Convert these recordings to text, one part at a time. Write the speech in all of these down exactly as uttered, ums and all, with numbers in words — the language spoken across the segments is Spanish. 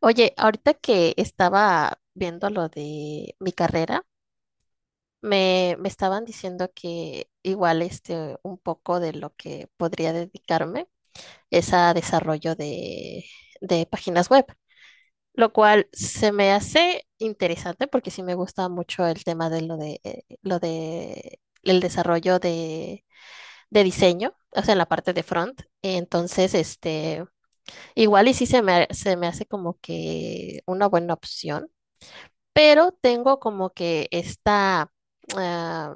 Oye, ahorita que estaba viendo lo de mi carrera, me, me estaban diciendo que igual este, un poco de lo que podría dedicarme es a desarrollo de, de páginas web, lo cual se me hace interesante porque sí me gusta mucho el tema de lo de, eh, lo de el desarrollo de, de diseño, o sea, en la parte de front. Entonces, este, igual y sí se me, se me hace como que una buena opción, pero tengo como que esta, ah,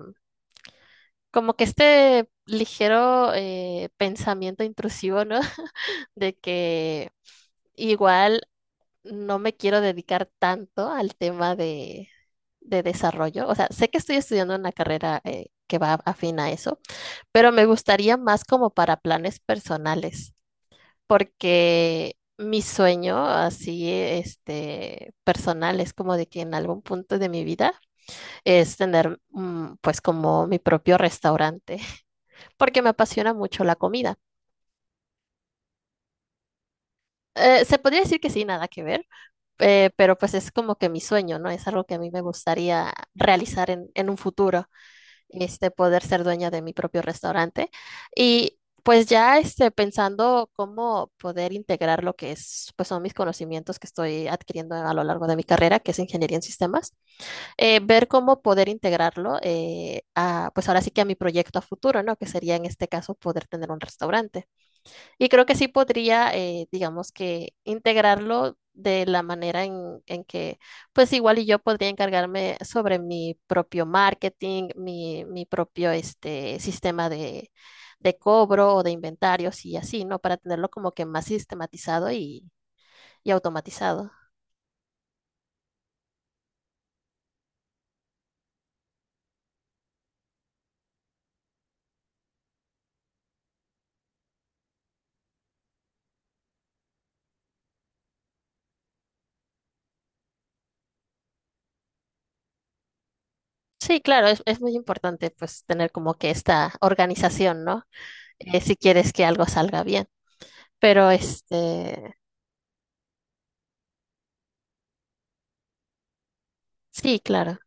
como que este ligero eh, pensamiento intrusivo, ¿no? De que igual no me quiero dedicar tanto al tema de, de desarrollo. O sea, sé que estoy estudiando una carrera eh, que va afín a eso, pero me gustaría más como para planes personales, porque mi sueño así, este, personal es como de que en algún punto de mi vida es tener mm, pues como mi propio restaurante, porque me apasiona mucho la comida. Eh, se podría decir que sí, nada que ver, eh, pero pues es como que mi sueño, ¿no? Es algo que a mí me gustaría realizar en, en un futuro, este, poder ser dueña de mi propio restaurante. Y pues ya este, pensando cómo poder integrar lo que es, pues son mis conocimientos que estoy adquiriendo a lo largo de mi carrera, que es ingeniería en sistemas, eh, ver cómo poder integrarlo eh, a, pues ahora sí que a mi proyecto a futuro, ¿no? Que sería en este caso poder tener un restaurante. Y creo que sí podría, eh, digamos que integrarlo de la manera en, en que, pues igual y yo podría encargarme sobre mi propio marketing, mi, mi propio este, sistema de, de cobro o de inventarios y así, ¿no? Para tenerlo como que más sistematizado y, y automatizado. Sí, claro, es, es muy importante pues tener como que esta organización, ¿no? Eh, si quieres que algo salga bien. Pero este, sí, claro.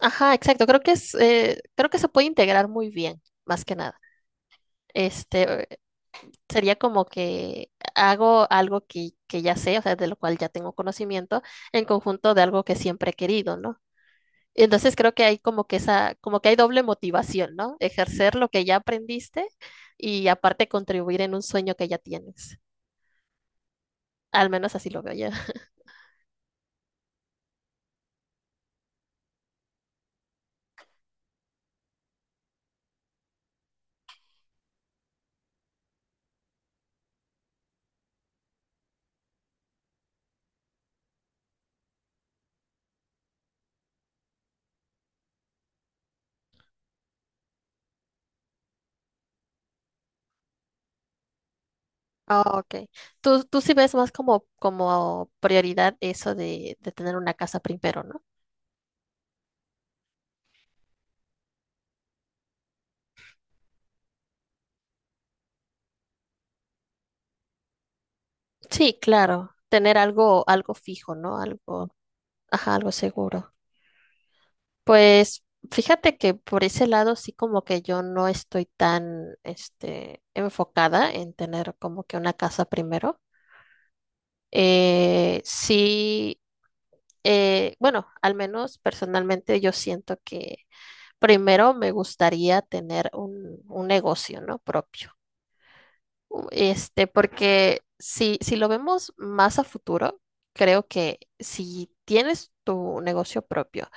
Ajá, exacto. Creo que es, eh, creo que se puede integrar muy bien, más que nada. Este, eh, sería como que hago algo que, que ya sé, o sea, de lo cual ya tengo conocimiento, en conjunto de algo que siempre he querido, ¿no? Y entonces creo que hay como que esa, como que hay doble motivación, ¿no? Ejercer lo que ya aprendiste y aparte contribuir en un sueño que ya tienes. Al menos así lo veo yo. Ah, ok. Tú, tú sí ves más como, como prioridad eso de, de tener una casa primero, ¿no? Sí, claro. Tener algo, algo fijo, ¿no? Algo, ajá, algo seguro. Pues fíjate que por ese lado sí como que yo no estoy tan, este, enfocada en tener como que una casa primero. Eh, sí, eh, bueno, al menos personalmente yo siento que primero me gustaría tener un, un negocio, ¿no? Propio. U- Este, porque si, si lo vemos más a futuro, creo que si tienes tu negocio propio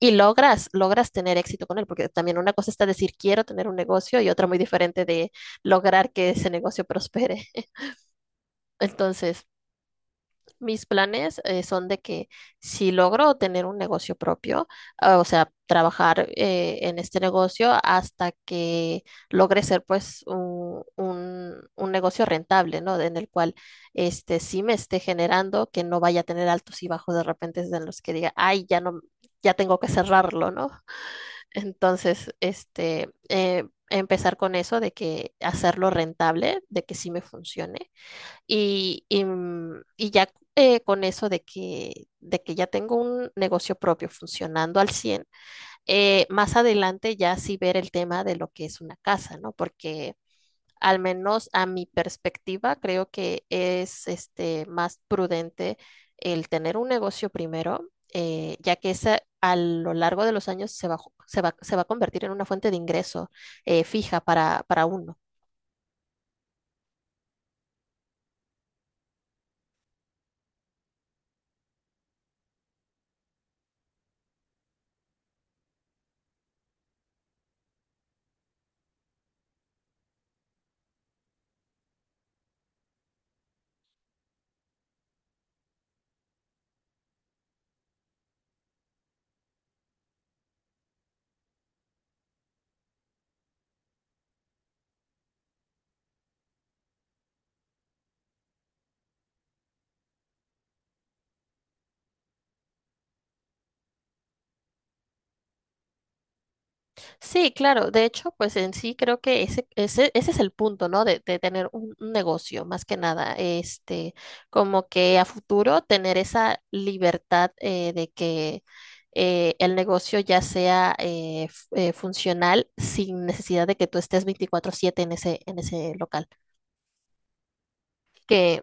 y logras, logras tener éxito con él, porque también una cosa está decir quiero tener un negocio y otra muy diferente de lograr que ese negocio prospere. Entonces, mis planes eh, son de que si logro tener un negocio propio, ah, o sea, trabajar eh, en este negocio hasta que logre ser pues un, un- un negocio rentable, ¿no? En el cual este sí me esté generando, que no vaya a tener altos y bajos de repente en los que diga, ay, ya no, ya tengo que cerrarlo, ¿no? Entonces, este, eh, empezar con eso de que hacerlo rentable, de que sí me funcione y, y, mm, y ya eh, con eso de que, de que ya tengo un negocio propio funcionando al cien eh, más adelante ya sí ver el tema de lo que es una casa, ¿no? Porque al menos a mi perspectiva creo que es este, más prudente el tener un negocio primero, eh, ya que esa, a lo largo de los años se va, ju- se va, se va a convertir en una fuente de ingreso eh, fija para, para uno. Sí, claro. De hecho, pues en sí creo que ese, ese, ese es el punto, ¿no? De, de tener un, un negocio, más que nada. Este, como que a futuro tener esa libertad eh, de que eh, el negocio ya sea eh, f- eh, funcional sin necesidad de que tú estés veinticuatro siete en ese, en ese local. Que,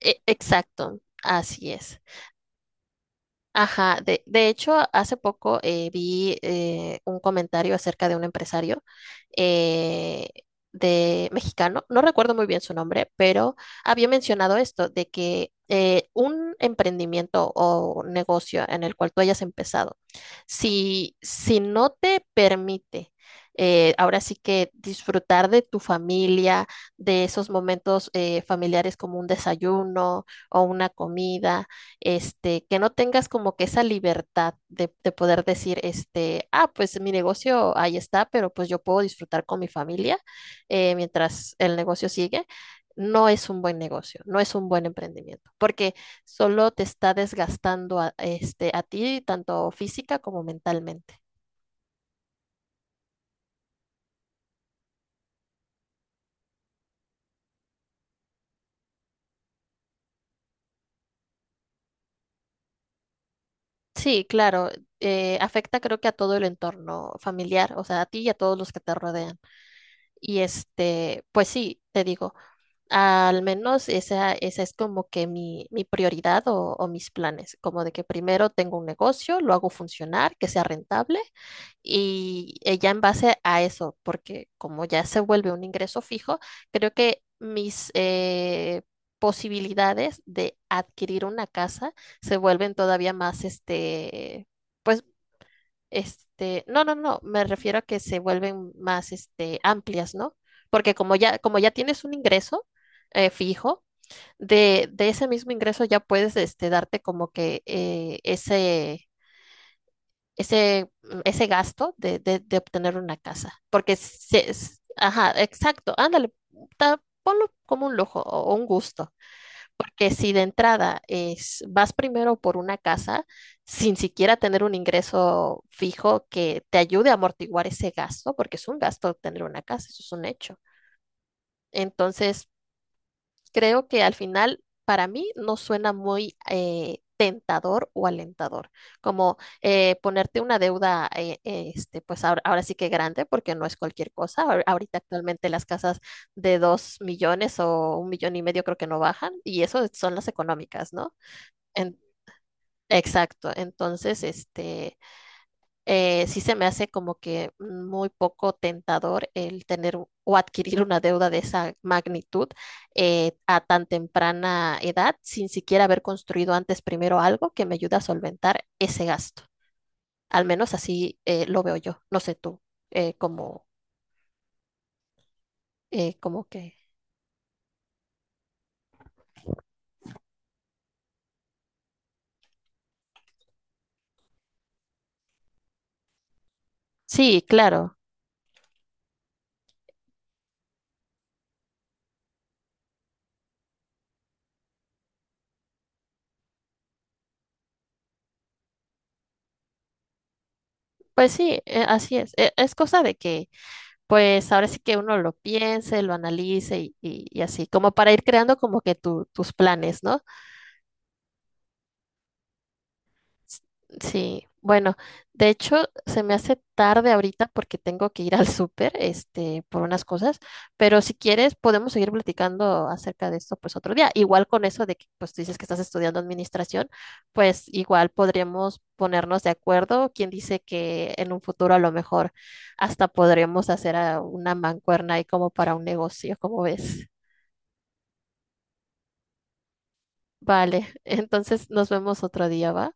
e- exacto, así es. Ajá, de, de hecho, hace poco eh, vi eh, un comentario acerca de un empresario eh, de mexicano, no recuerdo muy bien su nombre, pero había mencionado esto, de que eh, un emprendimiento o negocio en el cual tú hayas empezado, si, si no te permite, eh, ahora sí que disfrutar de tu familia, de esos momentos eh, familiares como un desayuno o una comida, este, que no tengas como que esa libertad de, de poder decir, este, ah, pues mi negocio ahí está, pero pues yo puedo disfrutar con mi familia eh, mientras el negocio sigue, no es un buen negocio, no es un buen emprendimiento, porque solo te está desgastando a, este, a ti, tanto física como mentalmente. Sí, claro, eh, afecta creo que a todo el entorno familiar, o sea, a ti y a todos los que te rodean. Y este, pues sí, te digo. Al menos esa, esa es como que mi, mi prioridad o, o mis planes, como de que primero tengo un negocio, lo hago funcionar, que sea rentable y eh, ya en base a eso, porque como ya se vuelve un ingreso fijo, creo que mis eh, posibilidades de adquirir una casa se vuelven todavía más, este, pues este, no, no, no, me refiero a que se vuelven más, este, amplias, ¿no? Porque como ya, como ya tienes un ingreso eh, fijo, de, de ese mismo ingreso ya puedes, este, darte como que eh, ese, ese, mm, ese gasto de, de, de obtener una casa. Porque se, es- ajá, exacto, ándale, ta- ponlo como un lujo o un gusto. Porque si de entrada es, vas primero por una casa sin siquiera tener un ingreso fijo que te ayude a amortiguar ese gasto, porque es un gasto tener una casa, eso es un hecho. Entonces, creo que al final, para mí, no suena muy eh, tentador o alentador, como eh, ponerte una deuda, eh, eh, este, pues ahora, ahora sí que grande, porque no es cualquier cosa. Ahor- Ahorita actualmente las casas de dos millones o un millón y medio creo que no bajan, y eso son las económicas, ¿no? En- exacto. Entonces, este, eh, sí se me hace como que muy poco tentador el tener u- o adquirir una deuda de esa magnitud eh, a tan temprana edad, sin siquiera haber construido antes primero algo que me ayude a solventar ese gasto. Al menos así eh, lo veo yo. No sé tú, eh, como, eh, como que. Sí, claro. Pues sí, eh, así es. Eh, es cosa de que pues ahora sí que uno lo piense, lo analice y, y- y así, como para ir creando como que tu- tus planes, ¿no? Sí, bueno, de hecho se me hace tarde ahorita porque tengo que ir al súper, este, por unas cosas, pero si quieres podemos seguir platicando acerca de esto pues otro día. Igual con eso de que pues tú dices que estás estudiando administración, pues igual podríamos ponernos de acuerdo. Quien dice que en un futuro a lo mejor hasta podremos hacer ah, una mancuerna ahí como para un negocio, ¿como ves? Vale, entonces nos vemos otro día, ¿va?